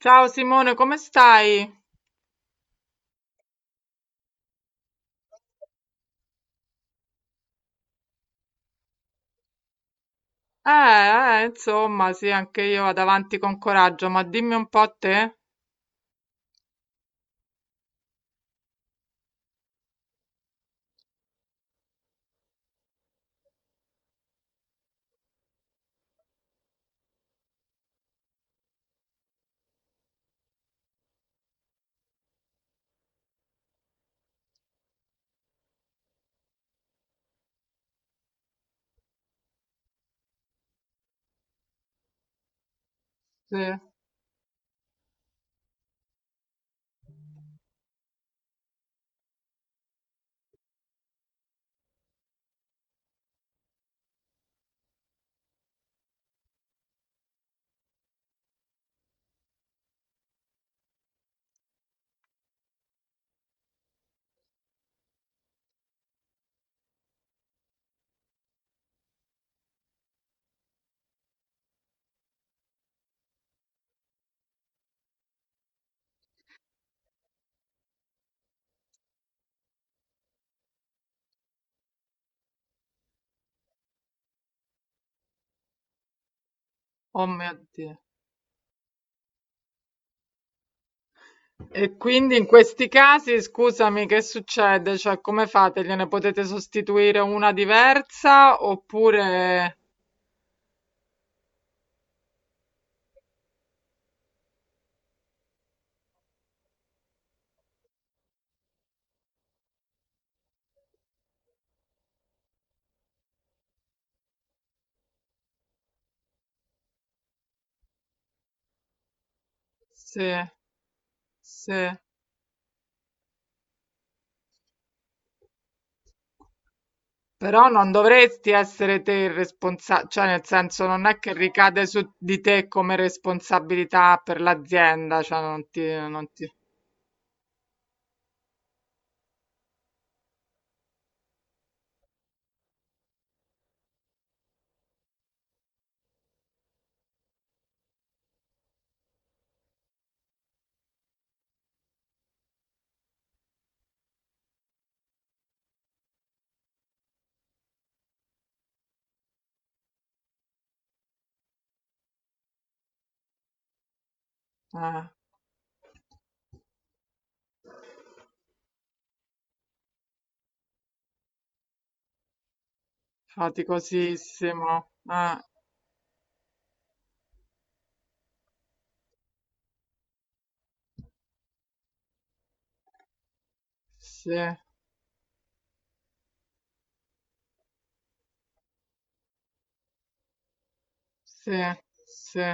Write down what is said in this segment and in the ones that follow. Ciao Simone, come stai? Insomma, sì, anche io vado avanti con coraggio, ma dimmi un po' a te. Sì. Oh mio Dio. E quindi in questi casi, scusami, che succede? Cioè, come fate? Gliene potete sostituire una diversa oppure... Sì, sì. Però non dovresti essere te il responsabile, cioè nel senso non è che ricade su di te come responsabilità per l'azienda, cioè non ti... eh. Faticosissimo. Sì, sì, sì.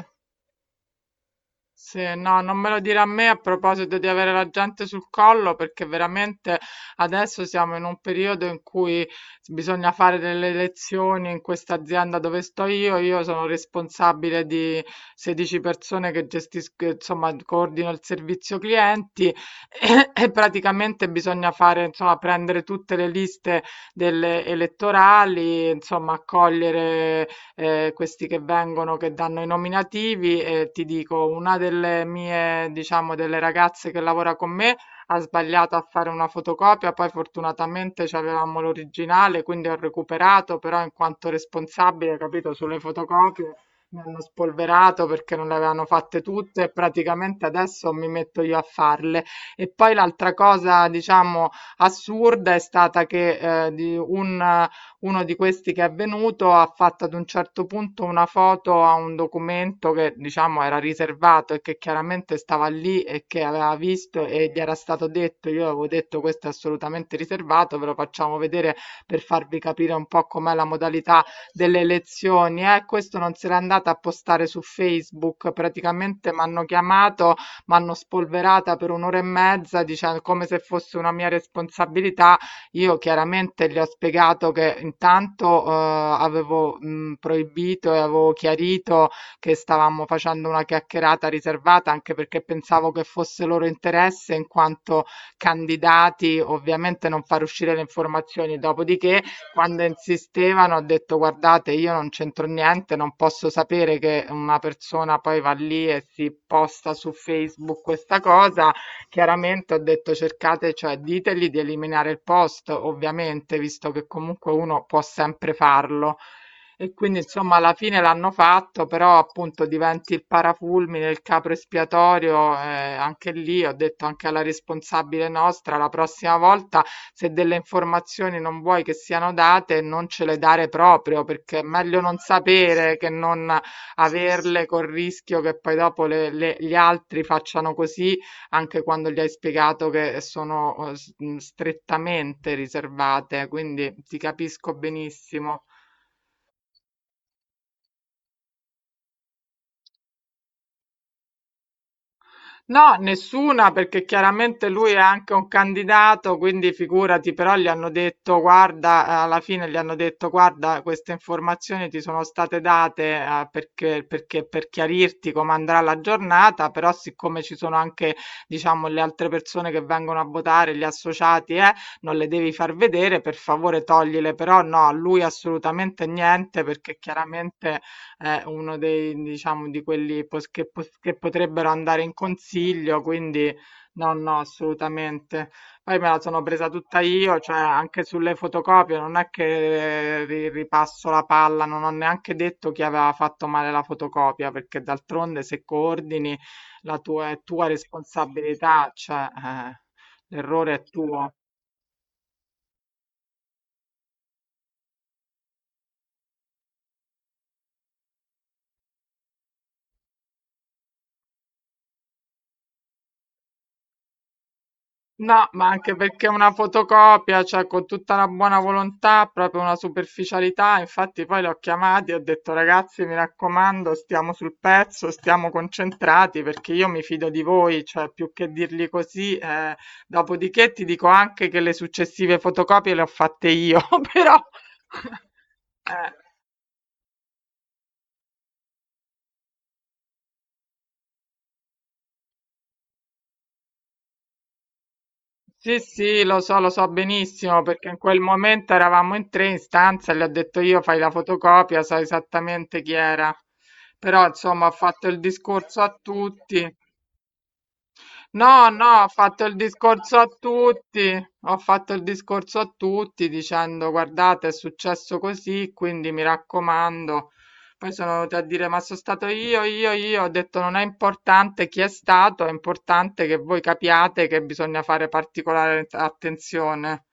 Sì, no, non me lo dire a me a proposito di avere la gente sul collo, perché veramente adesso siamo in un periodo in cui bisogna fare delle elezioni in questa azienda dove sto io. Io sono responsabile di 16 persone che gestisco, insomma, coordino il servizio clienti e praticamente bisogna fare, insomma, prendere tutte le liste delle elettorali, insomma, accogliere questi che vengono, che danno i nominativi e ti dico, una delle mie, diciamo, delle ragazze che lavora con me ha sbagliato a fare una fotocopia, poi fortunatamente avevamo l'originale, quindi ho recuperato, però in quanto responsabile, capito, sulle fotocopie mi hanno spolverato perché non le avevano fatte tutte e praticamente adesso mi metto io a farle. E poi l'altra cosa, diciamo, assurda è stata che di un uno di questi che è venuto ha fatto ad un certo punto una foto a un documento che diciamo era riservato e che chiaramente stava lì e che aveva visto e gli era stato detto, io avevo detto questo è assolutamente riservato, ve lo facciamo vedere per farvi capire un po' com'è la modalità delle elezioni. Questo non se l'è andata a postare su Facebook, praticamente mi hanno chiamato, mi hanno spolverata per un'ora e mezza dicendo come se fosse una mia responsabilità. Io chiaramente gli ho spiegato che intanto, avevo, proibito e avevo chiarito che stavamo facendo una chiacchierata riservata, anche perché pensavo che fosse loro interesse in quanto candidati, ovviamente non far uscire le informazioni. Dopodiché, quando insistevano, ho detto: "Guardate, io non c'entro niente, non posso sapere che una persona poi va lì e si posta su Facebook questa cosa". Chiaramente ho detto cercate, cioè ditegli di eliminare il post, ovviamente, visto che comunque uno può sempre farlo. E quindi insomma alla fine l'hanno fatto, però appunto diventi il parafulmine, il capro espiatorio, anche lì ho detto anche alla responsabile nostra, la prossima volta se delle informazioni non vuoi che siano date, non ce le dare proprio, perché è meglio non sapere che non averle col rischio che poi dopo gli altri facciano così anche quando gli hai spiegato che sono strettamente riservate, quindi ti capisco benissimo. No, nessuna, perché chiaramente lui è anche un candidato, quindi figurati, però gli hanno detto, guarda, alla fine gli hanno detto, guarda, queste informazioni ti sono state date, perché, perché per chiarirti come andrà la giornata, però siccome ci sono anche, diciamo, le altre persone che vengono a votare, gli associati, non le devi far vedere, per favore toglile, però no, a lui assolutamente niente, perché chiaramente è uno dei diciamo di quelli pos che potrebbero andare in consiglio, quindi no, no, assolutamente. Poi me la sono presa tutta io, cioè anche sulle fotocopie, non è che ripasso la palla, non ho neanche detto chi aveva fatto male la fotocopia, perché d'altronde se coordini la tua, è tua responsabilità, cioè l'errore è tuo. No, ma anche perché è una fotocopia, cioè con tutta la buona volontà, proprio una superficialità, infatti poi li ho chiamati e ho detto ragazzi, mi raccomando, stiamo sul pezzo, stiamo concentrati perché io mi fido di voi, cioè più che dirgli così, dopodiché ti dico anche che le successive fotocopie le ho fatte io, però... eh. Sì, sì, lo so benissimo perché in quel momento eravamo in tre in stanza e le ho detto io fai la fotocopia, so esattamente chi era. Però insomma ho fatto il discorso a tutti. No, no, ho fatto il discorso a tutti, ho fatto il discorso a tutti dicendo guardate è successo così, quindi mi raccomando. Poi sono venuti a dire ma sono stato io, ho detto non è importante chi è stato, è importante che voi capiate che bisogna fare particolare attenzione.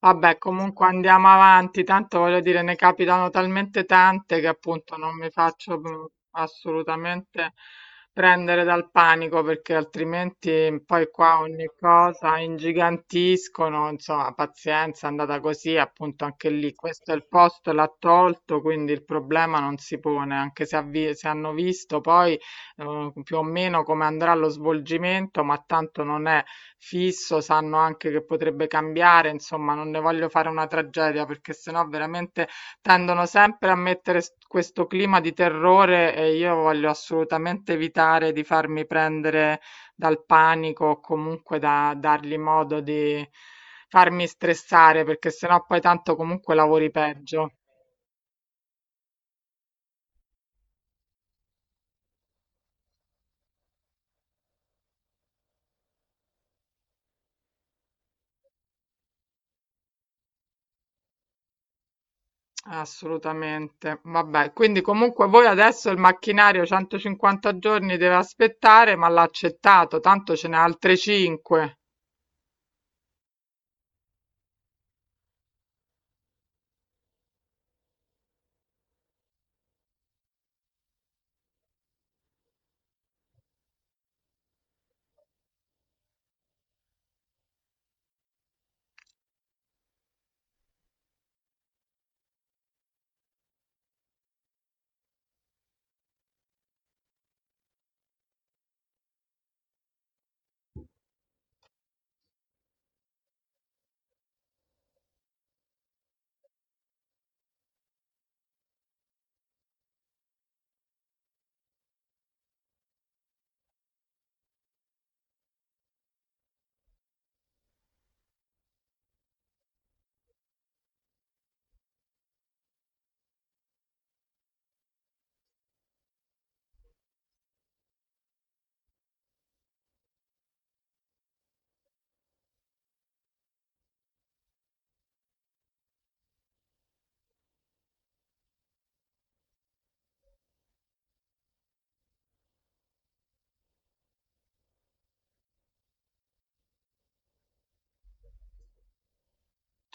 Vabbè, comunque andiamo avanti, tanto voglio dire, ne capitano talmente tante che appunto non mi faccio assolutamente prendere dal panico perché altrimenti poi qua ogni cosa ingigantiscono, insomma, pazienza, è andata così, appunto anche lì, questo è il posto, l'ha tolto, quindi il problema non si pone, anche se, se hanno visto poi più o meno come andrà lo svolgimento, ma tanto non è fisso, sanno anche che potrebbe cambiare, insomma non ne voglio fare una tragedia perché sennò veramente tendono sempre a mettere s questo clima di terrore e io voglio assolutamente evitare di farmi prendere dal panico o comunque da dargli modo di farmi stressare, perché sennò poi tanto comunque lavori peggio. Assolutamente. Vabbè, quindi comunque voi adesso il macchinario 150 giorni deve aspettare, ma l'ha accettato, tanto ce n'è altre 5.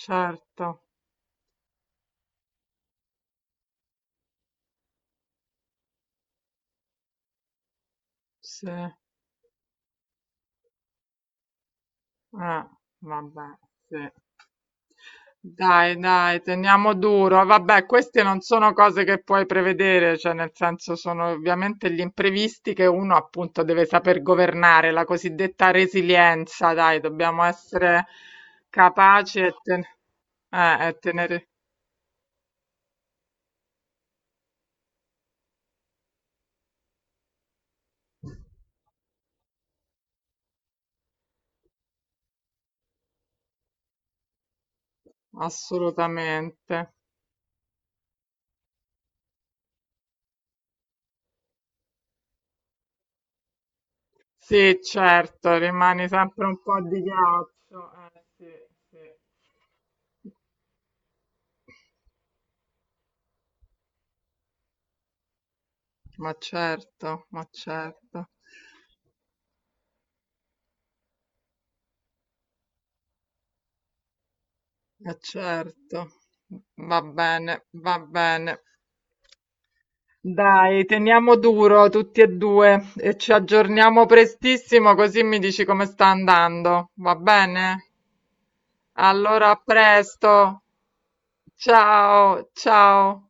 Certo, sì. Eh, vabbè, sì. Dai, dai, teniamo duro. Vabbè, queste non sono cose che puoi prevedere, cioè nel senso sono ovviamente gli imprevisti che uno appunto deve saper governare, la cosiddetta resilienza, dai, dobbiamo essere capaci e tenere... Assolutamente. Sì, certo, rimane sempre un po' di ghiaccio. Sì, sì. Ma certo, ma certo, ma certo. Va bene, va bene. Dai, teniamo duro tutti e due e ci aggiorniamo prestissimo così mi dici come sta andando. Va bene? Allora, a presto. Ciao, ciao.